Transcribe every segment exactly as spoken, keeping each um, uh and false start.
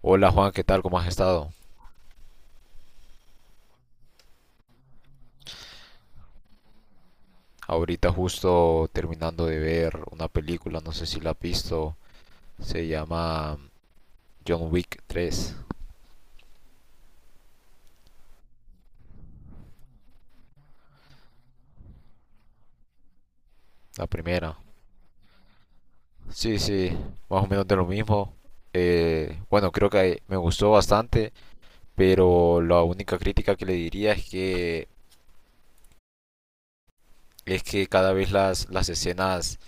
Hola Juan, ¿qué tal? ¿Cómo has estado? Ahorita justo terminando de ver una película, no sé si la has visto, se llama John Wick tres, la primera. Sí, sí, más o menos de lo mismo. Eh, bueno, creo que me gustó bastante, pero la única crítica que le diría es que es que cada vez las, las escenas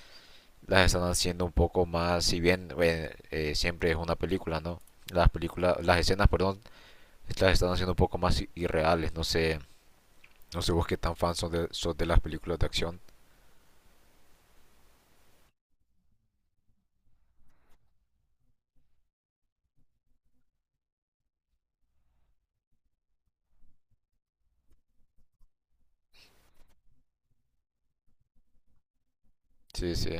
las están haciendo un poco más, si bien eh, eh, siempre es una película, ¿no? Las películas, las escenas, perdón, las están haciendo un poco más i- irreales, no sé. No sé vos qué tan fan sos de, sos de las películas de acción. Sí, sí,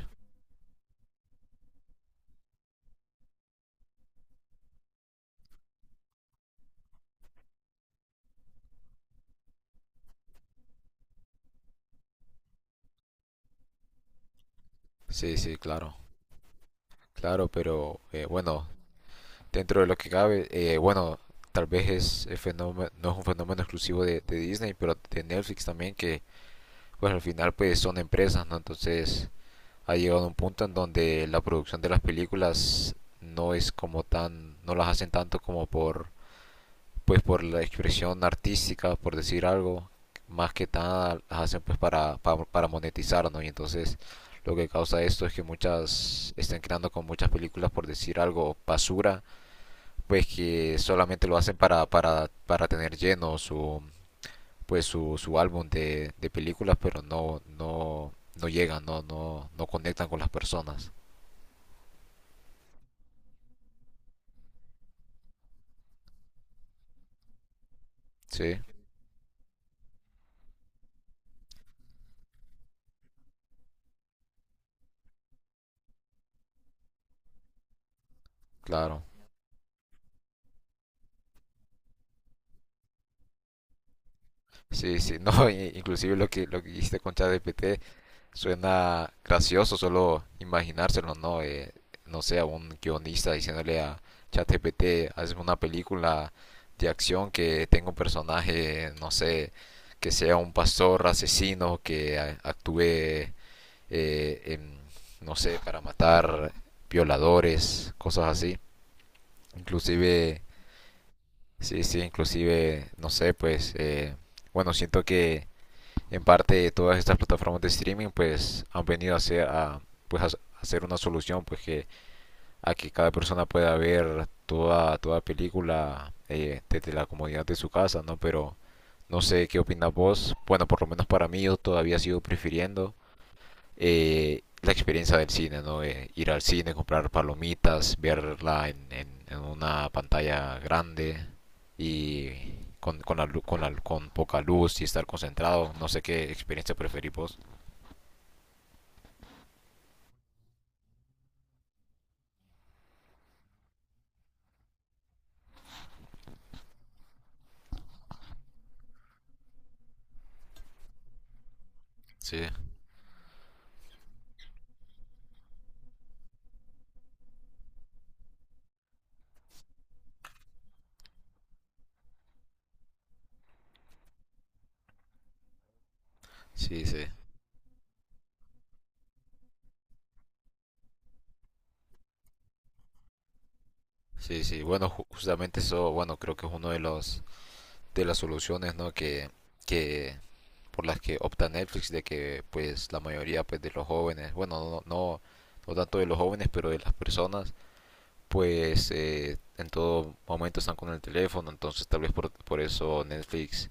sí, sí, claro. Claro, pero eh, bueno, dentro de lo que cabe, eh, bueno, tal vez es, el fenómeno, no es un fenómeno exclusivo de, de Disney, pero de Netflix también, que pues al final pues son empresas, ¿no? Entonces ha llegado a un punto en donde la producción de las películas no es como tan, no las hacen tanto como por pues por la expresión artística, por decir algo, más que nada las hacen pues para, para, para monetizar, ¿no? Y entonces lo que causa esto es que muchas están creando con muchas películas, por decir algo, basura, pues que solamente lo hacen para, para, para tener lleno su pues su, su álbum de, de películas, pero no, no, no llegan, no, no, no conectan con las personas. Sí, claro. Sí, sí, no, inclusive lo que lo que hiciste con ChatGPT suena gracioso solo imaginárselo, ¿no? Eh, no sé, a un guionista diciéndole a ChatGPT, hazme una película de acción que tenga un personaje, no sé, que sea un pastor asesino, que a- actúe, eh, en, no sé, para matar violadores, cosas así. Inclusive, sí, sí, inclusive, no sé, pues, eh, bueno, siento que en parte, todas estas plataformas de streaming pues han venido a ser, a, pues, a hacer una solución pues que a que cada persona pueda ver toda toda película eh, desde la comodidad de su casa, ¿no? Pero no sé qué opinas vos. Bueno, por lo menos para mí yo todavía sigo prefiriendo eh, la experiencia del cine, ¿no? Eh, ir al cine, comprar palomitas, verla en, en, en una pantalla grande y con, con, la, lu- con, la- con poca luz y estar concentrado. No sé qué experiencia preferís vos. Sí, sí, sí. Sí, sí. Bueno, ju- justamente eso, bueno, creo que es uno de los de las soluciones, ¿no? Que, que por las que opta Netflix de que pues la mayoría pues de los jóvenes, bueno, no, no, no tanto de los jóvenes, pero de las personas pues eh, en todo momento están con el teléfono, entonces tal vez por, por eso Netflix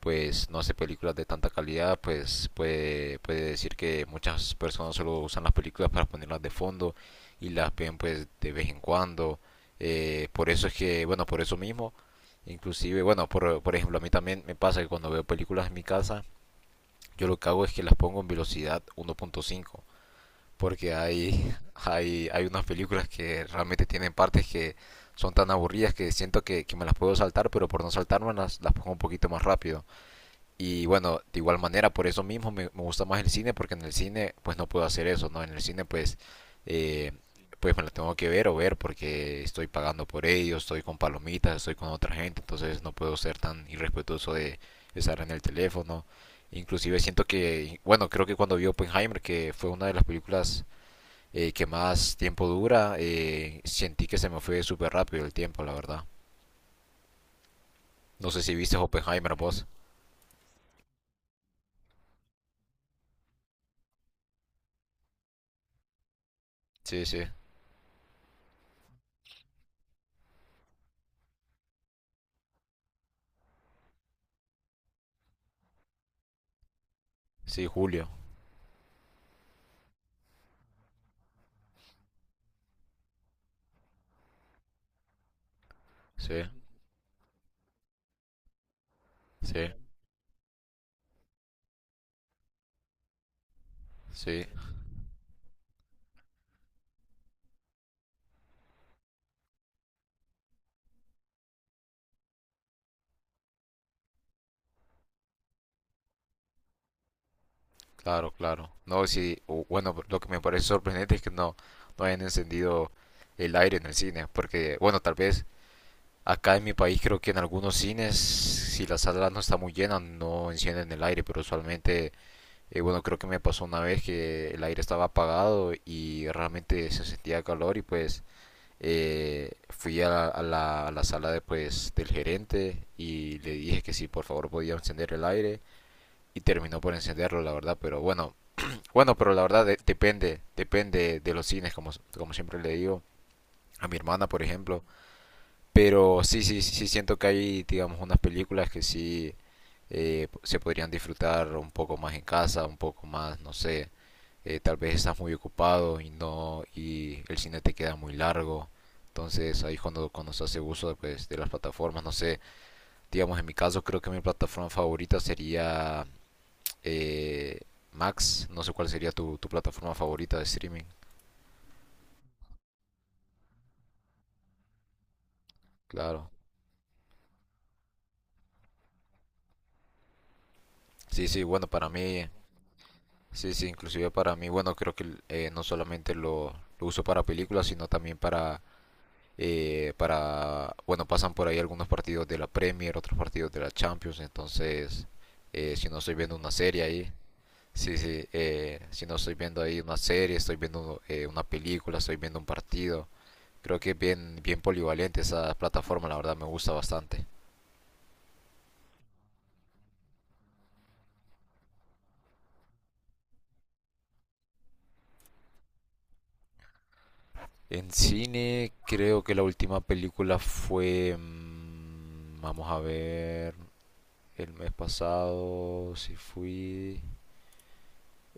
pues no hace películas de tanta calidad, pues puede, puede decir que muchas personas solo usan las películas para ponerlas de fondo y las ven pues de vez en cuando. Eh, por eso es que, bueno, por eso mismo, inclusive, bueno, por, por ejemplo, a mí también me pasa que cuando veo películas en mi casa, yo lo que hago es que las pongo en velocidad uno punto cinco porque hay, hay, hay unas películas que realmente tienen partes que son tan aburridas que siento que, que me las puedo saltar, pero por no saltarme las, las pongo un poquito más rápido. Y bueno, de igual manera, por eso mismo me, me gusta más el cine, porque en el cine pues no puedo hacer eso, ¿no? En el cine pues, eh, pues me lo tengo que ver o ver porque estoy pagando por ello, estoy con palomitas, estoy con otra gente, entonces no puedo ser tan irrespetuoso de estar en el teléfono. Inclusive siento que, bueno, creo que cuando vi Oppenheimer, que fue una de las películas eh, que más tiempo dura, eh, sentí que se me fue súper rápido el tiempo, la verdad. No sé si viste Oppenheimer vos. Sí, sí, sí, julio. Sí, sí, sí, claro, claro. No, sí, o- bueno, lo que me parece sorprendente es que no, no hayan encendido el aire en el cine, porque, bueno, tal vez acá en mi país creo que en algunos cines, si la sala no está muy llena, no encienden el aire, pero usualmente, eh, bueno, creo que me pasó una vez que el aire estaba apagado y realmente se sentía calor y pues... Eh, fui a la, a la- a la sala de, pues, del gerente y le dije que si por favor podía encender el aire y terminó por encenderlo, la verdad, pero bueno, bueno, pero la verdad de- depende, depende de los cines, como, como siempre le digo. A mi hermana, por ejemplo, pero sí, sí, sí sí siento que hay, digamos, unas películas que sí eh, se podrían disfrutar un poco más en casa, un poco más, no sé, eh, tal vez estás muy ocupado y no y el cine te queda muy largo. Entonces ahí cuando, cuando se hace uso pues, de las plataformas, no sé, digamos en mi caso creo que mi plataforma favorita sería eh, Max, no sé cuál sería tu, tu plataforma favorita de streaming, claro. Sí, sí, bueno, para mí sí, sí, inclusive para mí, bueno, creo que eh, no solamente lo, lo uso para películas, sino también para, eh, para, bueno, pasan por ahí algunos partidos de la Premier, otros partidos de la Champions, entonces, eh, si no estoy viendo una serie ahí, sí, sí, eh, si no estoy viendo ahí una serie, estoy viendo eh, una película, estoy viendo un partido, creo que es bien, bien polivalente esa plataforma, la verdad me gusta bastante. En cine, creo que la última película fue, mm, vamos a ver. El mes pasado sí fui.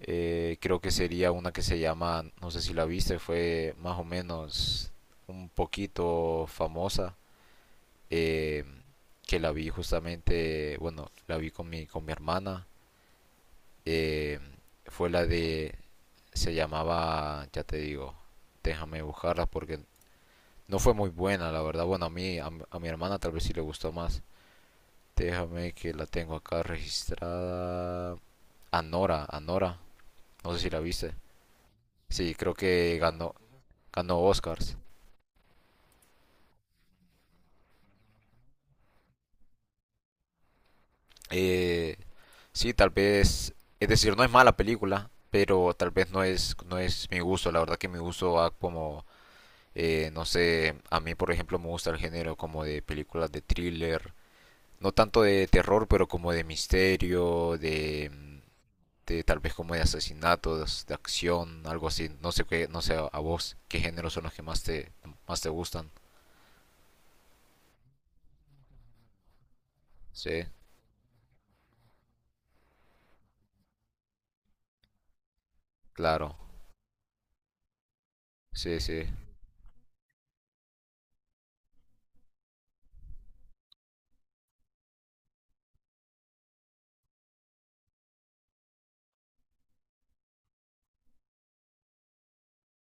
eh, Creo que sería una que se llama, no sé si la viste, fue más o menos un poquito famosa. eh, que la vi justamente, bueno, la vi con mi, con mi hermana. eh, Fue la de, se llamaba, ya te digo, déjame buscarla porque no fue muy buena, la verdad. Bueno, a mí, a, mi- a mi hermana tal vez sí le gustó más. Déjame que la tengo acá registrada. Anora, Anora. No sé si la viste. Sí, creo que ganó, ganó Oscars. Eh, sí, tal vez, es decir, no es mala película, pero tal vez no es, no es mi gusto. La verdad que mi gusto va como, eh, no sé, a mí por ejemplo me gusta el género como de películas de thriller, no tanto de terror, pero como de misterio, de, de tal vez como de asesinatos, de acción, algo así. No sé qué, no sé a vos qué géneros son los que más te, más te gustan. Sí, claro. Sí, sí.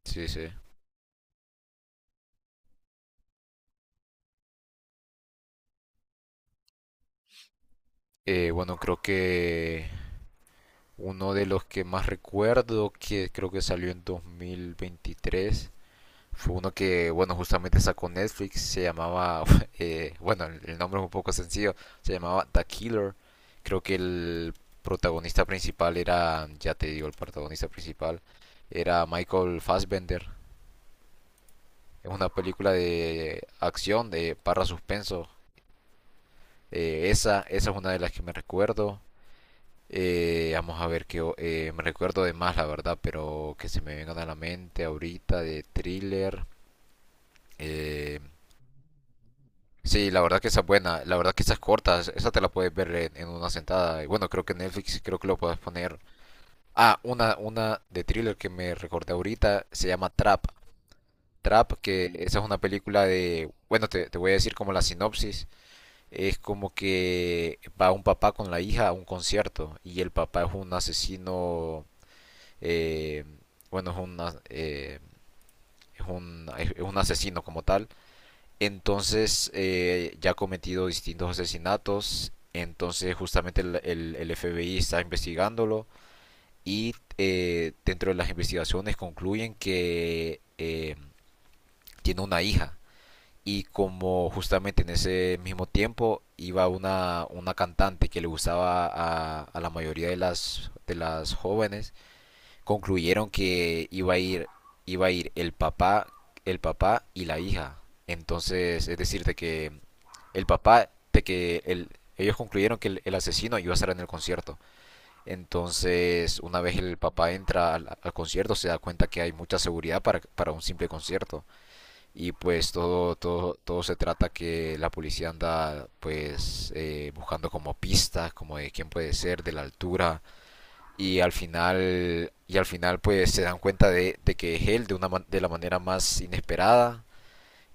Sí, sí. Eh, bueno, creo que uno de los que más recuerdo, que creo que salió en dos mil veintitrés, fue uno que, bueno, justamente sacó Netflix, se llamaba, eh, bueno, el el nombre es un poco sencillo, se llamaba The Killer. Creo que el protagonista principal era, ya te digo, el protagonista principal era Michael Fassbender. Es una película de acción, de barra suspenso. Eh, esa, esa es una de las que me recuerdo. Eh, vamos a ver que eh, me recuerdo de más, la verdad, pero que se me vengan a la mente ahorita de thriller. eh, sí, la verdad que esa es buena, la verdad que esa es corta, esa te la puedes ver en, en una sentada. Y bueno, creo que Netflix, sí creo que lo puedes poner. Ah, una, una de thriller que me recordé ahorita se llama Trap. Trap, que esa es una película de, bueno, te, te voy a decir como la sinopsis. Es como que va un papá con la hija a un concierto y el papá es un asesino eh, bueno, es un, eh, es un, es un asesino como tal. Entonces, eh, ya ha cometido distintos asesinatos. Entonces, justamente el, el- el F B I está investigándolo. Y eh, dentro de las investigaciones concluyen que eh, tiene una hija. Y como justamente en ese mismo tiempo iba una, una cantante que le gustaba a, a la mayoría de las, de las jóvenes concluyeron que iba a ir, iba a ir el papá, el papá y la hija. Entonces, es decir, de que el papá, de que el, ellos concluyeron que el, el asesino iba a estar en el concierto. Entonces, una vez el papá entra al, al concierto, se da cuenta que hay mucha seguridad para, para un simple concierto. Y pues todo, todo, todo se trata que la policía anda pues eh, buscando como pistas, como de quién puede ser, de la altura, y al final y al final pues se dan cuenta de, de que es él de una man- de la manera más inesperada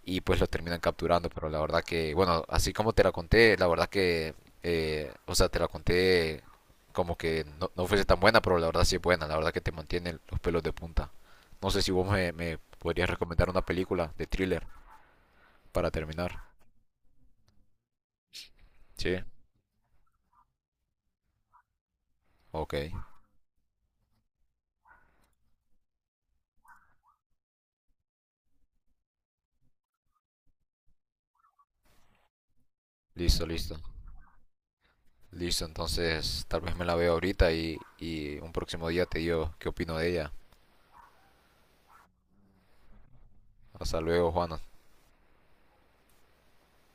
y pues lo terminan capturando pero la verdad que bueno así como te la conté la verdad que eh, o sea te la conté como que no, no fuese tan buena pero la verdad sí es buena la verdad que te mantiene los pelos de punta no sé si vos me, me podrías recomendar una película de thriller para terminar sí ok listo listo listo entonces tal vez me la veo ahorita y, y un próximo día te digo qué opino de ella. Hasta luego, Juana.